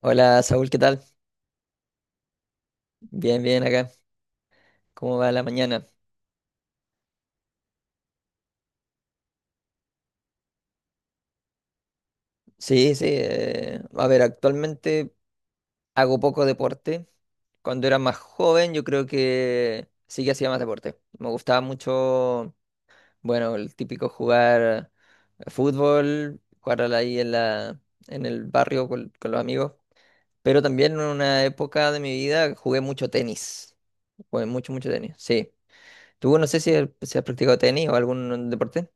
Hola Saúl, ¿qué tal? Bien, bien acá. ¿Cómo va la mañana? Sí, sí. A ver, actualmente hago poco deporte. Cuando era más joven, yo creo que sí que hacía más deporte. Me gustaba mucho, bueno, el típico jugar fútbol, ahí en el barrio con los amigos. Pero también en una época de mi vida jugué mucho tenis. Jugué mucho, mucho tenis. Sí. ¿Tú no sé si has practicado tenis o algún deporte?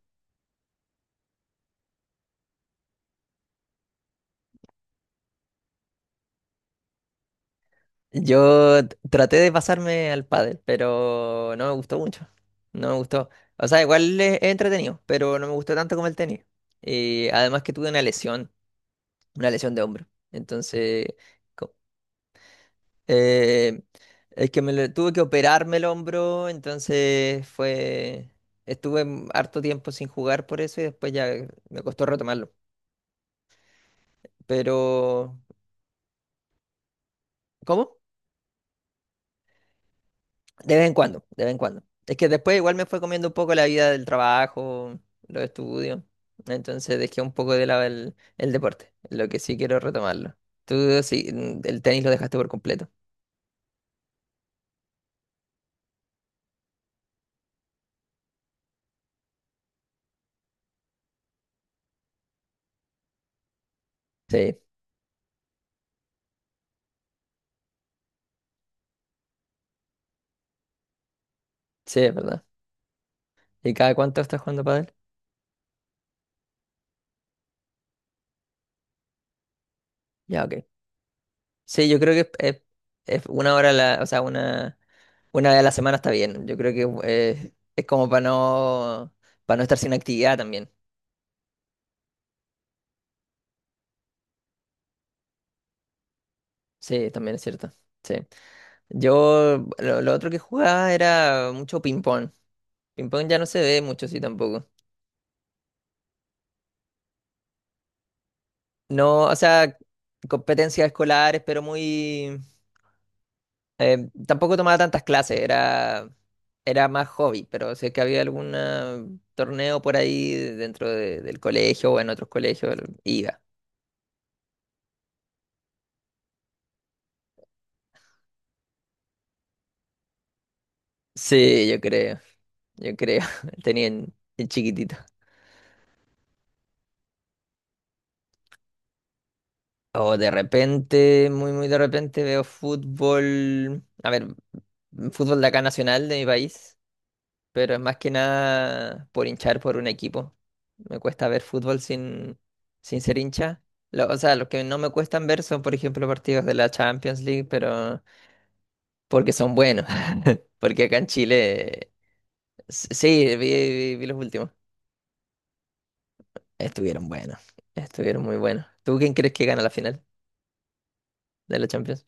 Yo traté de pasarme al pádel, pero no me gustó mucho. No me gustó. O sea, igual es entretenido, pero no me gustó tanto como el tenis. Y además que tuve una lesión, de hombro. Entonces, co- eh, es que tuve que operarme el hombro, entonces fue. Estuve harto tiempo sin jugar por eso y después ya me costó retomarlo. Pero, ¿cómo? De vez en cuando, de vez en cuando. Es que después igual me fue comiendo un poco la vida del trabajo, los estudios. Entonces dejé un poco de lado el deporte, lo que sí quiero retomarlo. Tú sí, el tenis lo dejaste por completo. Sí, sí, es verdad. ¿Y cada cuánto estás jugando pádel? Ya, ok. Sí, yo creo que una hora, o sea, una vez a la semana está bien. Yo creo que es como para no, estar sin actividad también. Sí, también es cierto. Sí. Lo otro que jugaba era mucho ping-pong. Ping-pong ya no se ve mucho, sí, tampoco. No, o sea, competencias escolares, pero muy. Tampoco tomaba tantas clases, era más hobby, pero sé que había algún torneo por ahí del colegio o en otros colegios, iba. Sí, yo creo, tenía en, chiquitito. O de repente, muy, muy de repente veo fútbol, a ver, fútbol de acá nacional de mi país. Pero es más que nada por hinchar por un equipo. Me cuesta ver fútbol sin ser hincha. O sea, los que no me cuestan ver son, por ejemplo, partidos de la Champions League, pero porque son buenos. Porque acá en Chile, sí, vi los últimos. Estuvieron buenos, estuvieron muy buenos. ¿Tú quién crees que gana la final de la Champions?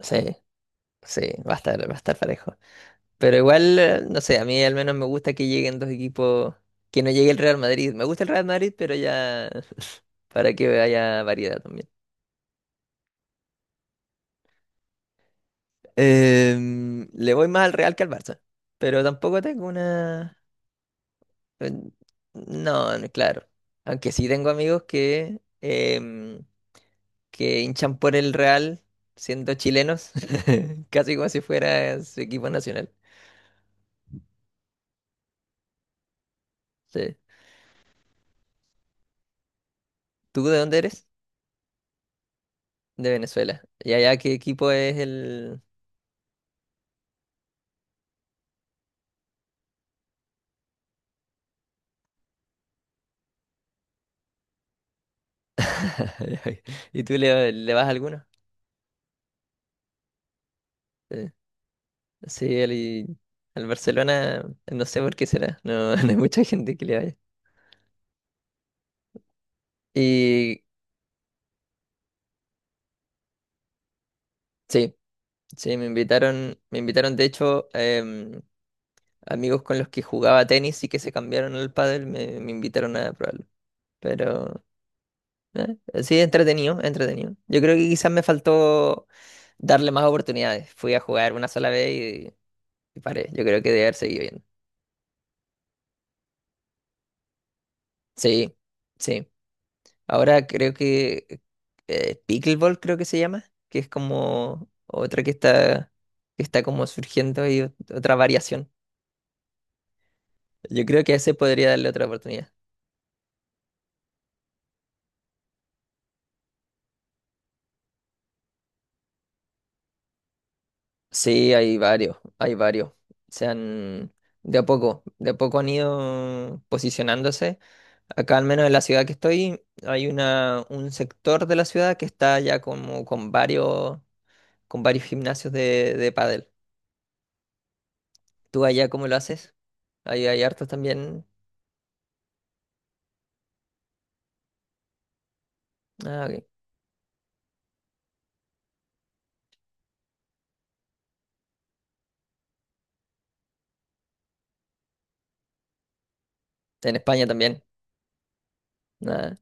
Sí, sí, va a estar parejo. Pero igual, no sé, a mí al menos me gusta que lleguen dos equipos, que no llegue el Real Madrid. Me gusta el Real Madrid, pero ya para que haya variedad también. Le voy más al Real que al Barça, pero tampoco tengo una. eh, No, no, claro. Aunque sí tengo amigos que hinchan por el Real siendo chilenos, casi como si fuera su equipo nacional. Sí. ¿Tú de dónde eres? De Venezuela. ¿Y allá qué equipo es el? ¿Y tú le vas a alguno? Eh, Sí, al Barcelona, no sé por qué será, no, no hay mucha gente que le vaya. Y sí, sí, me invitaron de hecho amigos con los que jugaba tenis y que se cambiaron al pádel, me invitaron a probarlo. Pero sí, entretenido, entretenido. Yo creo que quizás me faltó darle más oportunidades. Fui a jugar una sola vez y paré. Yo creo que debe haber seguido bien. Sí, sí. Ahora creo que Pickleball creo que se llama, que es como otra que está como surgiendo y otra variación. Yo creo que a ese podría darle otra oportunidad. Sí, hay varios, hay varios. Se han, de a poco han ido posicionándose. Acá, al menos en la ciudad que estoy, hay un sector de la ciudad que está ya como con varios gimnasios de pádel. ¿Tú allá cómo lo haces? Ahí hay hartos también. Ah, ok. En España también. Nada.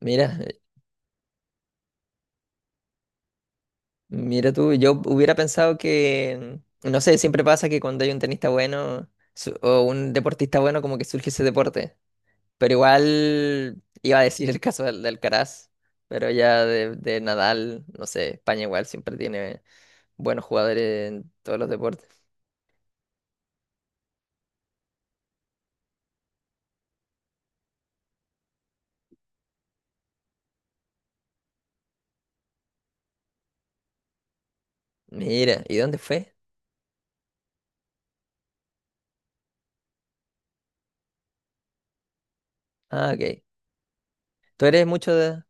Mira, eh, mira tú, yo hubiera pensado que, no sé, siempre pasa que cuando hay un tenista bueno o un deportista bueno, como que surge ese deporte. Pero igual iba a decir el caso del Alcaraz, pero ya de Nadal, no sé, España igual siempre tiene buenos jugadores en todos los deportes. Mira, ¿y dónde fue? Ah, ok. ¿Tú eres mucho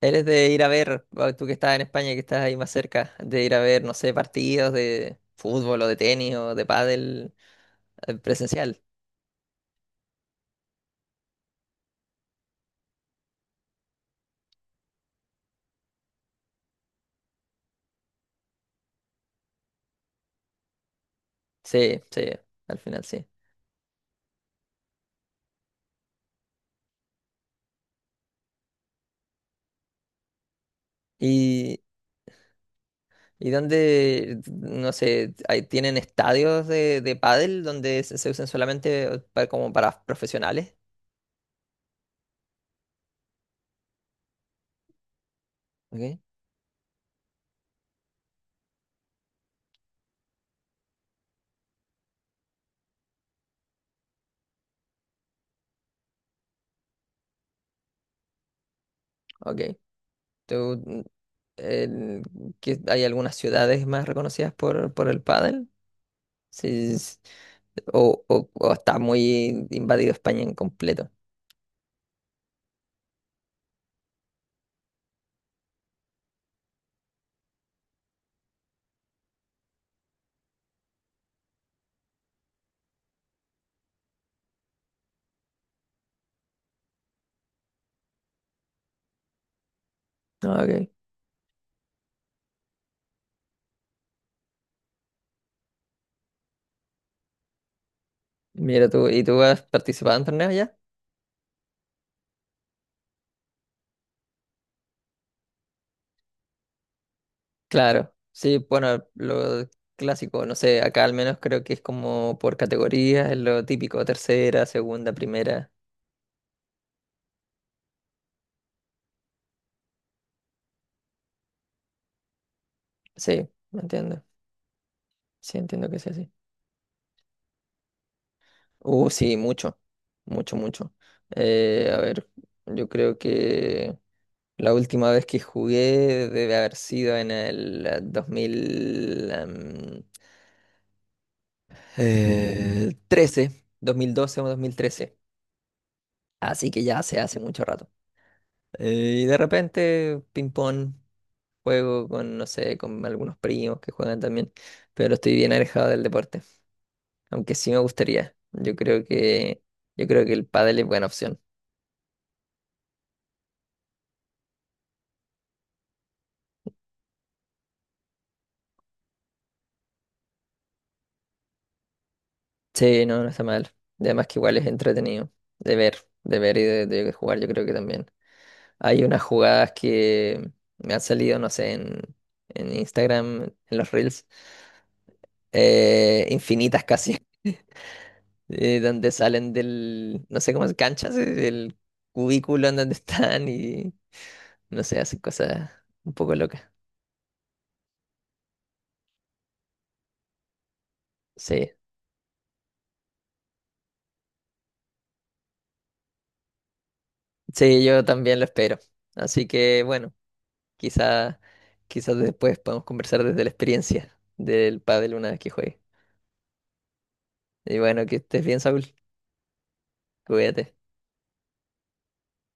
Eres de ir a ver, bueno, tú que estás en España, que estás ahí más cerca, de ir a ver, no sé, partidos de fútbol o de tenis o de pádel presencial. Sí, sí, al final sí. ¿Y, y dónde, no sé, ahí tienen estadios de pádel donde se usan solamente como para profesionales? Okay. Okay. ¿Tú, mm, el- que hay algunas ciudades más reconocidas por el pádel? Sí, sí, sí. O Está muy invadido España en completo. Ah, ok. Mira tú, ¿y tú has participado en torneos ya? Claro, sí, bueno, lo clásico, no sé, acá al menos creo que es como por categorías, es lo típico, tercera, segunda, primera. Sí, me entiendo. Sí, entiendo que sea así. Sí, mucho, mucho, mucho. A ver, yo creo que la última vez que jugué debe haber sido en el 2013, 2012 o 2013. Así que ya se hace mucho rato. Y de repente, ping-pong, juego con, no sé, con algunos primos que juegan también, pero estoy bien alejado del deporte, aunque sí me gustaría. Yo creo que, el pádel es buena opción. Sí, no, no está mal. Y además que igual es entretenido de ver, de ver y de jugar, yo creo que también. Hay unas jugadas que me han salido, no sé, en Instagram, en los Reels, infinitas casi. Donde salen del, no sé cómo es, canchas, del cubículo en donde están y no sé, hacen cosas un poco locas. Sí, sí, yo también lo espero. Así que bueno, quizá, quizás después podamos conversar desde la experiencia del pádel una vez que juegue. Y bueno, que estés bien, Saúl. Cuídate.